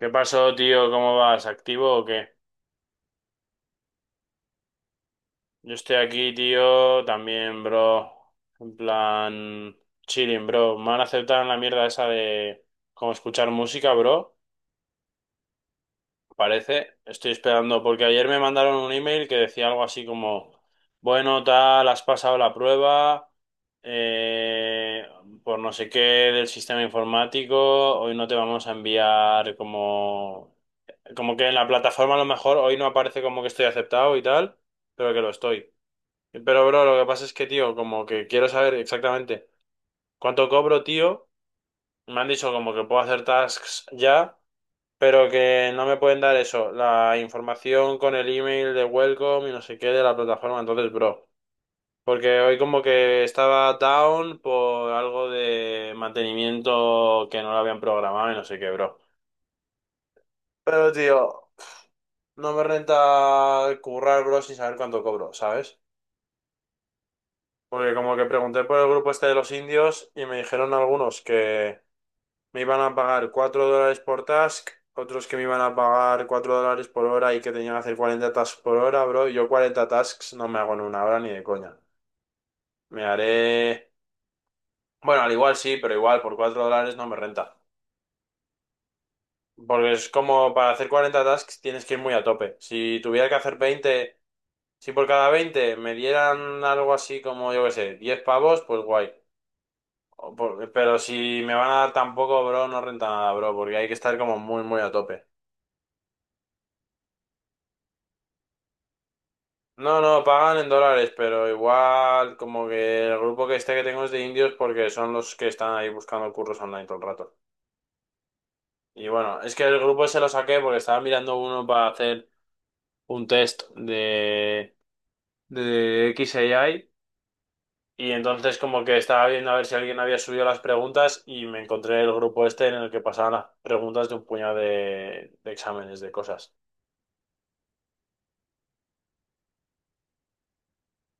¿Qué pasó, tío? ¿Cómo vas? ¿Activo o qué? Yo estoy aquí, tío, también, bro. En plan, chilling, bro. Me han aceptado en la mierda esa de como escuchar música, bro. Parece. Estoy esperando, porque ayer me mandaron un email que decía algo así como, bueno, tal, has pasado la prueba, eh, por no sé qué del sistema informático, hoy no te vamos a enviar como. Como que en la plataforma a lo mejor hoy no aparece como que estoy aceptado y tal, pero que lo estoy. Pero, bro, lo que pasa es que, tío, como que quiero saber exactamente cuánto cobro, tío. Me han dicho como que puedo hacer tasks ya, pero que no me pueden dar eso, la información con el email de welcome y no sé qué de la plataforma. Entonces, bro, porque hoy como que estaba down por algo de mantenimiento que no lo habían programado y no sé qué, bro. Pero, tío, no me renta currar, bro, sin saber cuánto cobro, ¿sabes? Porque como que pregunté por el grupo este de los indios y me dijeron algunos que me iban a pagar $4 por task, otros que me iban a pagar 4 dólares por hora y que tenían que hacer 40 tasks por hora, bro. Yo 40 tasks no me hago en una hora ni de coña. Me haré... Bueno, al igual sí, pero igual por $4 no me renta. Porque es como para hacer 40 tasks tienes que ir muy a tope. Si tuviera que hacer 20. Si por cada 20 me dieran algo así como, yo qué sé, 10 pavos, pues guay. Pero si me van a dar tampoco, bro, no renta nada, bro, porque hay que estar como muy, muy a tope. No, no, pagan en dólares, pero igual como que el grupo que este que tengo es de indios porque son los que están ahí buscando curros online todo el rato. Y bueno, es que el grupo se lo saqué porque estaba mirando uno para hacer un test de XAI. Y entonces como que estaba viendo a ver si alguien había subido las preguntas y me encontré el grupo este en el que pasaban las preguntas de un puñado de exámenes, de cosas.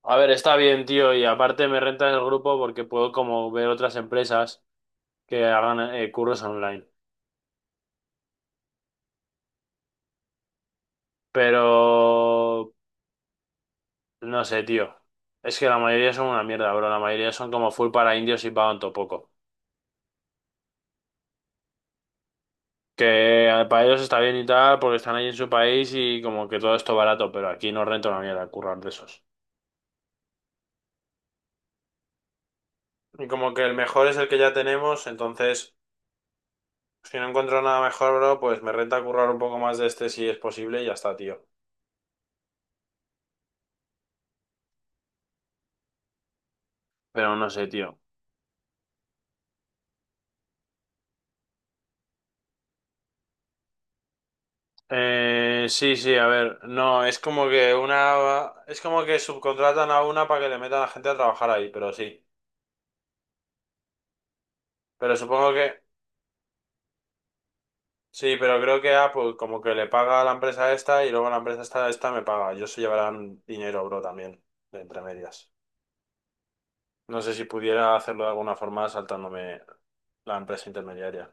A ver, está bien, tío, y aparte me renta el grupo porque puedo como ver otras empresas que hagan cursos online. Pero no sé, tío. Es que la mayoría son una mierda, bro. La mayoría son como full para indios y pagan todo poco. Que para ellos está bien y tal, porque están ahí en su país y como que todo esto barato, pero aquí no renta una mierda currar de esos. Y como que el mejor es el que ya tenemos, entonces si no encuentro nada mejor, bro, pues me renta currar un poco más de este si es posible y ya está, tío. Pero no sé, tío. Sí, sí, a ver, no, es como que una, es como que subcontratan a una para que le metan a gente a trabajar ahí, pero sí. Pero supongo que, sí, pero creo que Apple como que le paga a la empresa esta y luego la empresa esta me paga. Yo se llevarán dinero, bro, también, de entre medias. No sé si pudiera hacerlo de alguna forma saltándome la empresa intermediaria.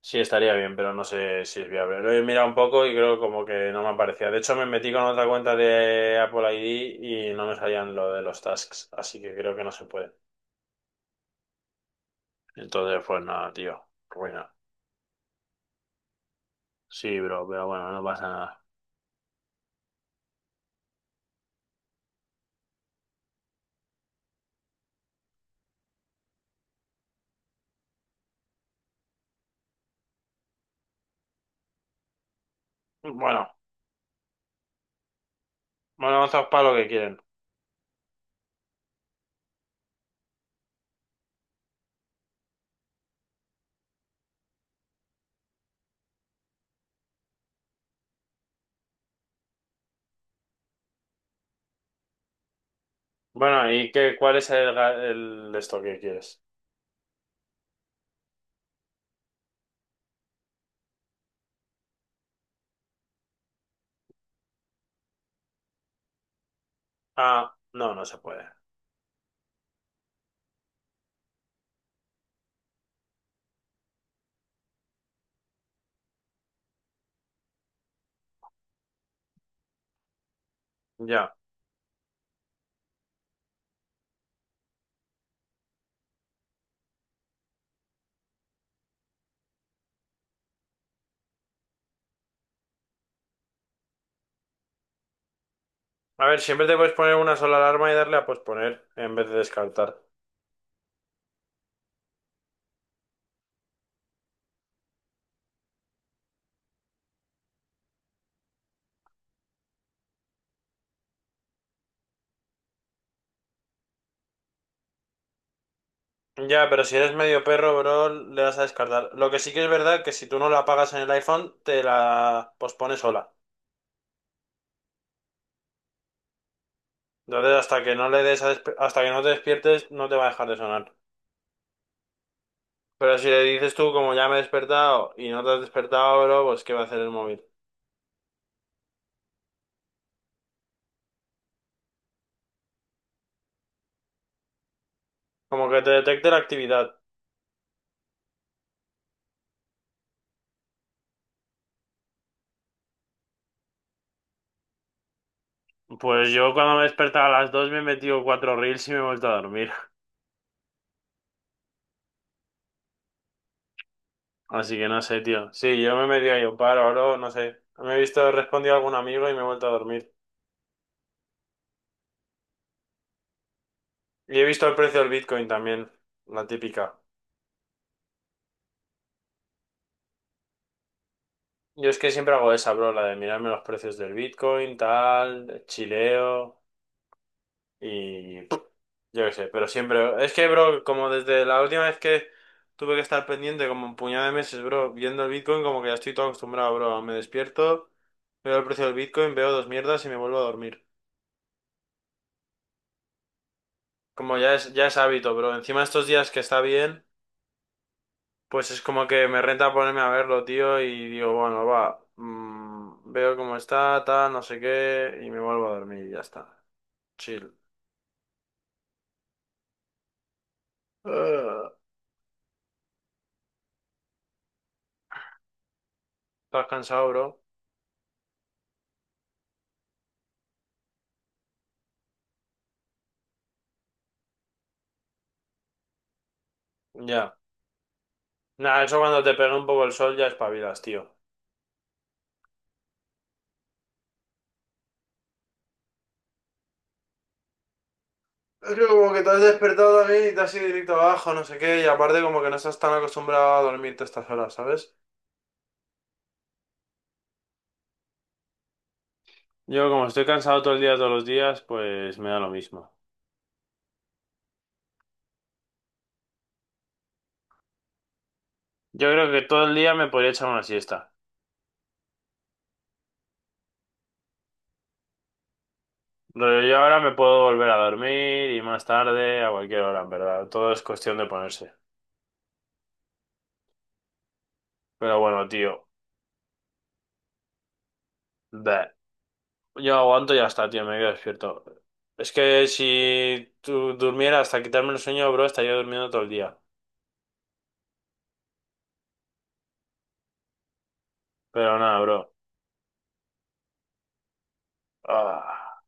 Sí, estaría bien, pero no sé si es viable. Lo he mirado un poco y creo como que no me aparecía. De hecho, me metí con otra cuenta de Apple ID y no me salían lo de los tasks, así que creo que no se puede. Entonces, pues nada, tío, ruina. Sí, bro, pero bueno, no pasa nada. Bueno, bueno, avanzados para lo que quieren. Bueno, ¿y qué, cuál es el esto que quieres? Ah, no, no se puede. Ya. A ver, siempre te puedes poner una sola alarma y darle a posponer en vez de descartar. Ya, pero si eres medio perro, bro, le vas a descartar. Lo que sí que es verdad que si tú no la apagas en el iPhone, te la pospone sola. Entonces, hasta que no le des a hasta que no te despiertes, no te va a dejar de sonar. Pero si le dices tú, como ya me he despertado y no te has despertado, bro, pues ¿qué va a hacer el móvil? Como que te detecte la actividad. Pues yo cuando me he despertado a las 2 me he metido cuatro reels y me he vuelto a dormir. Así que no sé, tío. Sí, yo me he metido ahí un paro, bro, no sé. Me he visto, he respondido a algún amigo y me he vuelto a dormir. Y he visto el precio del Bitcoin también, la típica. Yo es que siempre hago esa, bro, la de mirarme los precios del Bitcoin, tal, chileo y... ¡pum! Yo qué sé, pero siempre... Es que, bro, como desde la última vez que tuve que estar pendiente como un puñado de meses, bro, viendo el Bitcoin, como que ya estoy todo acostumbrado, bro. Me despierto, veo el precio del Bitcoin, veo dos mierdas y me vuelvo a dormir. Como ya es hábito, bro. Encima estos días que está bien... Pues es como que me renta ponerme a verlo, tío, y digo, bueno, va, veo cómo está, tal, no sé qué, y me vuelvo a dormir y ya está. Chill. Ah, ¿estás cansado, bro? Ya. Nada, eso cuando te pega un poco el sol ya espabilas, tío. Es que como que te has despertado también y te has ido directo abajo, no sé qué, y aparte como que no estás tan acostumbrado a dormirte estas horas, ¿sabes? Yo como estoy cansado todo el día, todos los días, pues me da lo mismo. Yo creo que todo el día me podría echar una siesta. No, yo ahora me puedo volver a dormir y más tarde, a cualquier hora, en verdad. Todo es cuestión de ponerse. Pero bueno, tío. Da. Yo aguanto y ya está, tío. Me quedo despierto. Es que si tú durmieras hasta quitarme el sueño, bro, estaría durmiendo todo el día. Pero nada, bro. Ah,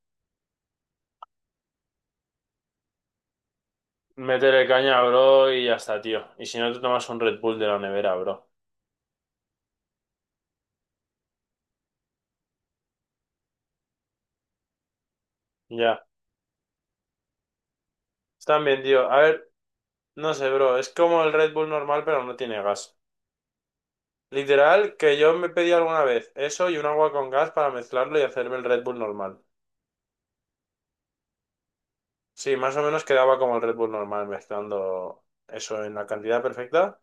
métele caña, bro, y ya está, tío. Y si no, te tomas un Red Bull de la nevera, bro. Ya. Están bien, tío. A ver, no sé, bro. Es como el Red Bull normal, pero no tiene gas. Literal, que yo me pedí alguna vez eso y un agua con gas para mezclarlo y hacerme el Red Bull normal. Sí, más o menos quedaba como el Red Bull normal, mezclando eso en la cantidad perfecta.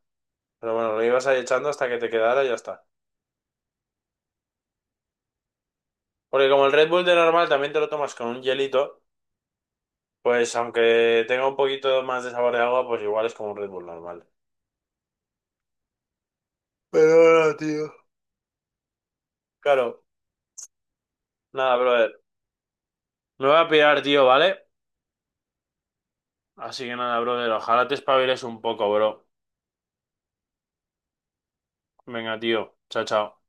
Pero bueno, lo ibas ahí echando hasta que te quedara y ya está. Porque como el Red Bull de normal también te lo tomas con un hielito, pues aunque tenga un poquito más de sabor de agua, pues igual es como un Red Bull normal. Pero bueno, tío. Claro, nada, brother. Me voy a pirar, tío, ¿vale? Así que nada, brother, ojalá te espabiles un poco, bro. Venga, tío. Chao, chao.